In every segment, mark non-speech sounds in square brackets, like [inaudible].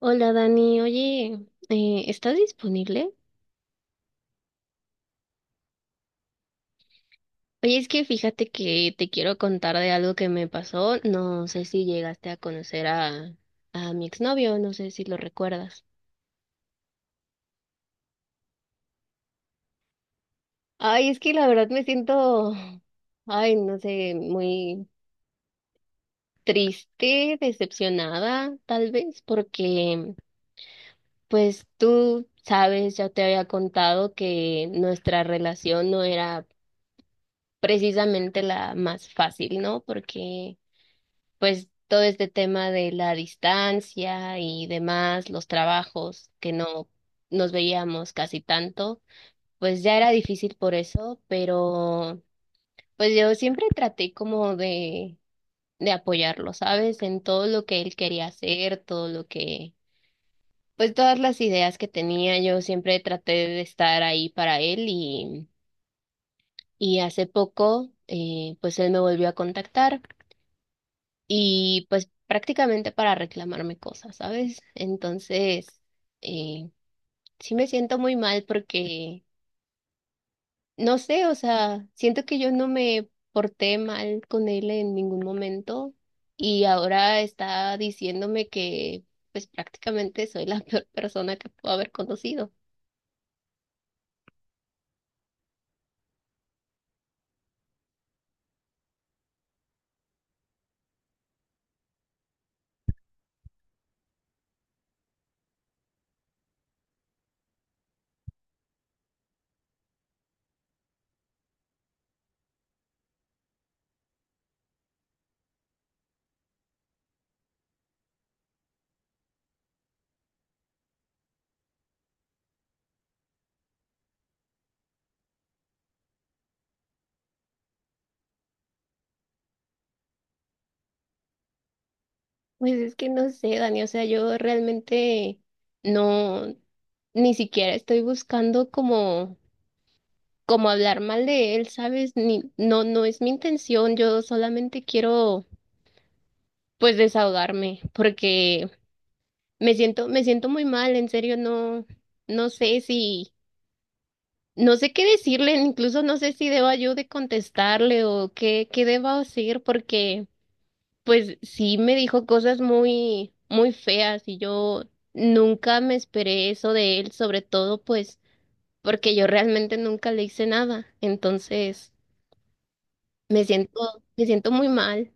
Hola Dani, oye, ¿estás disponible? Oye, es que fíjate que te quiero contar de algo que me pasó. No sé si llegaste a conocer a mi exnovio, no sé si lo recuerdas. Ay, es que la verdad me siento, [sighs] ay, no sé, muy triste, decepcionada, tal vez, porque pues tú sabes, ya te había contado que nuestra relación no era precisamente la más fácil, ¿no? Porque pues todo este tema de la distancia y demás, los trabajos que no nos veíamos casi tanto, pues ya era difícil por eso, pero pues yo siempre traté como de apoyarlo, ¿sabes? En todo lo que él quería hacer, todo lo que pues todas las ideas que tenía, yo siempre traté de estar ahí para él y hace poco pues él me volvió a contactar y pues prácticamente para reclamarme cosas, ¿sabes? Entonces, eh, sí me siento muy mal porque, no sé, o sea, siento que yo no me porté mal con él en ningún momento y ahora está diciéndome que pues prácticamente soy la [laughs] peor persona que puedo haber conocido. Pues es que no sé, Dani, o sea, yo realmente no, ni siquiera estoy buscando como como hablar mal de él, ¿sabes? Ni, no, no es mi intención, yo solamente quiero pues desahogarme porque me siento muy mal, en serio, no, no sé si, no sé qué decirle, incluso no sé si deba yo de contestarle o qué, qué deba hacer porque pues sí me dijo cosas muy, muy feas y yo nunca me esperé eso de él, sobre todo pues porque yo realmente nunca le hice nada, entonces... Me siento, me siento muy mal.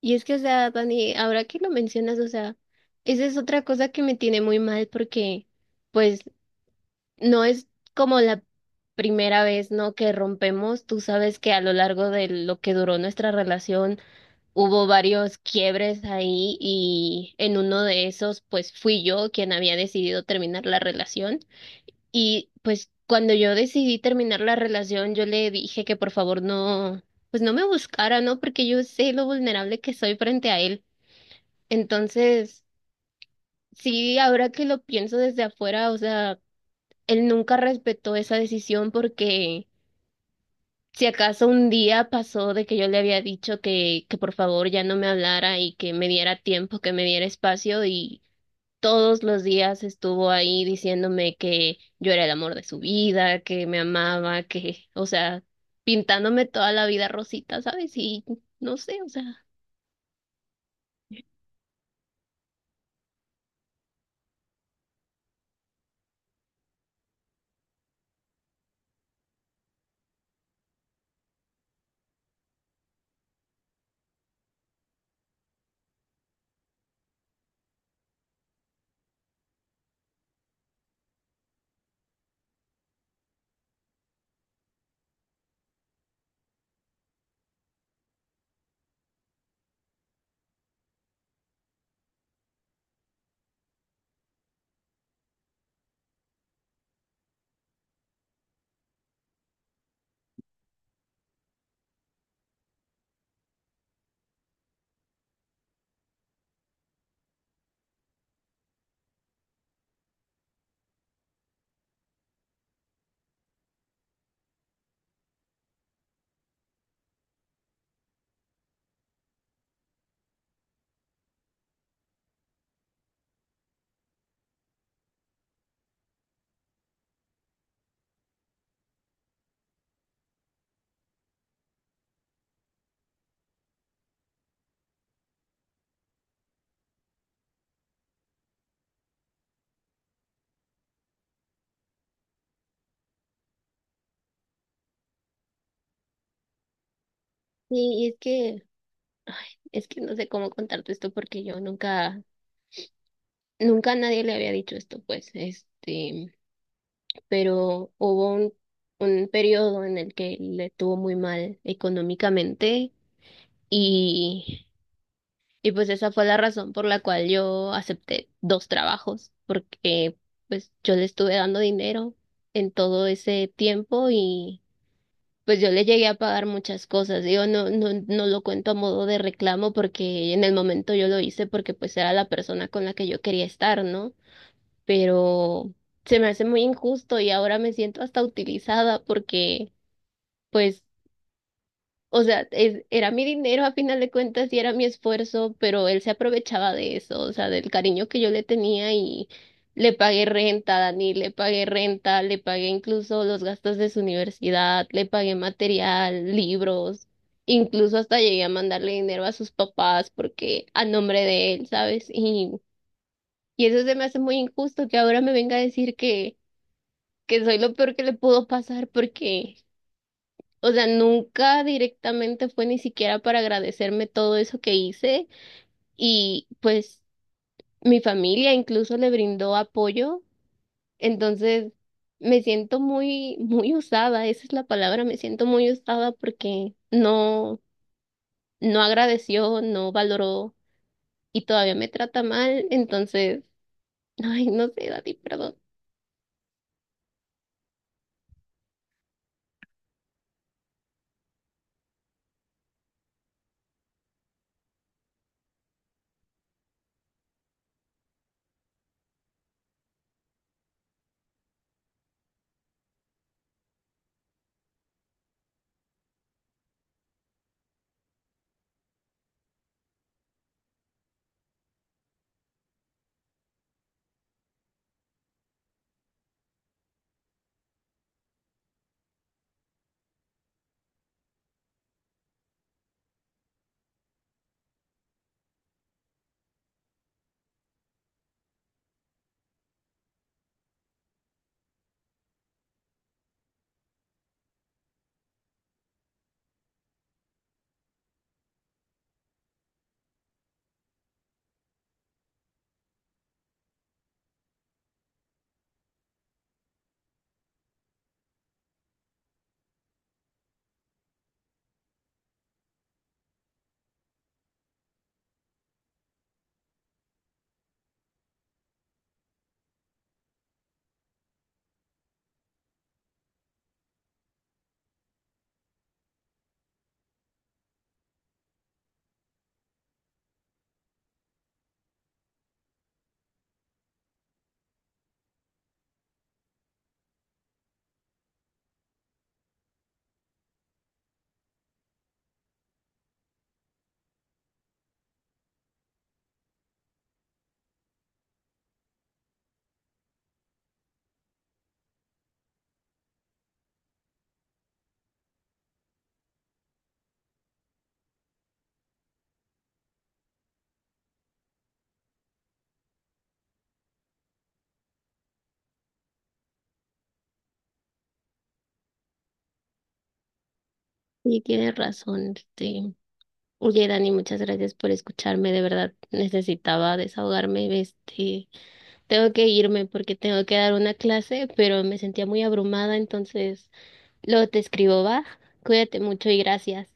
Y es que, o sea, Dani, ahora que lo mencionas, o sea, esa es otra cosa que me tiene muy mal porque, pues, no es como la primera vez, ¿no? Que rompemos. Tú sabes que a lo largo de lo que duró nuestra relación hubo varios quiebres ahí y en uno de esos, pues, fui yo quien había decidido terminar la relación. Y pues cuando yo decidí terminar la relación, yo le dije que por favor no, pues no me buscara, ¿no? Porque yo sé lo vulnerable que soy frente a él. Entonces, sí, ahora que lo pienso desde afuera, o sea, él nunca respetó esa decisión porque si acaso un día pasó de que yo le había dicho que por favor ya no me hablara y que me diera tiempo, que me diera espacio, todos los días estuvo ahí diciéndome que yo era el amor de su vida, que me amaba, que, o sea, pintándome toda la vida rosita, ¿sabes? Y no sé, o sea, sí es que, ay, es que no sé cómo contarte esto porque yo nunca, nunca a nadie le había dicho esto, pues, este, pero hubo un periodo en el que le tuvo muy mal económicamente. Y Y pues esa fue la razón por la cual yo acepté dos trabajos, porque pues yo le estuve dando dinero en todo ese tiempo y pues yo le llegué a pagar muchas cosas. Digo no, no, no lo cuento a modo de reclamo porque en el momento yo lo hice porque pues era la persona con la que yo quería estar, ¿no? Pero se me hace muy injusto y ahora me siento hasta utilizada porque pues o sea, es- era mi dinero a final de cuentas y era mi esfuerzo, pero él se aprovechaba de eso, o sea, del cariño que yo le tenía y le pagué renta a Dani, le pagué renta, le pagué incluso los gastos de su universidad, le pagué material, libros, incluso hasta llegué a mandarle dinero a sus papás porque a nombre de él, ¿sabes? Y eso se me hace muy injusto que ahora me venga a decir que soy lo peor que le pudo pasar porque... O sea, nunca directamente fue ni siquiera para agradecerme todo eso que hice y pues mi familia incluso le brindó apoyo. Entonces, me siento muy, muy usada, esa es la palabra, me siento muy usada porque no, no agradeció, no valoró y todavía me trata mal. Entonces, [laughs] ay, no sé, Dani, perdón. Sí, tienes razón, este. Oye, Dani, muchas gracias por escucharme, de verdad necesitaba desahogarme, este. Tengo que irme porque tengo que dar una clase, pero me sentía muy abrumada, entonces luego te escribo, va. Cuídate mucho y gracias.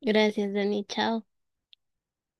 Gracias, Dani. Chao.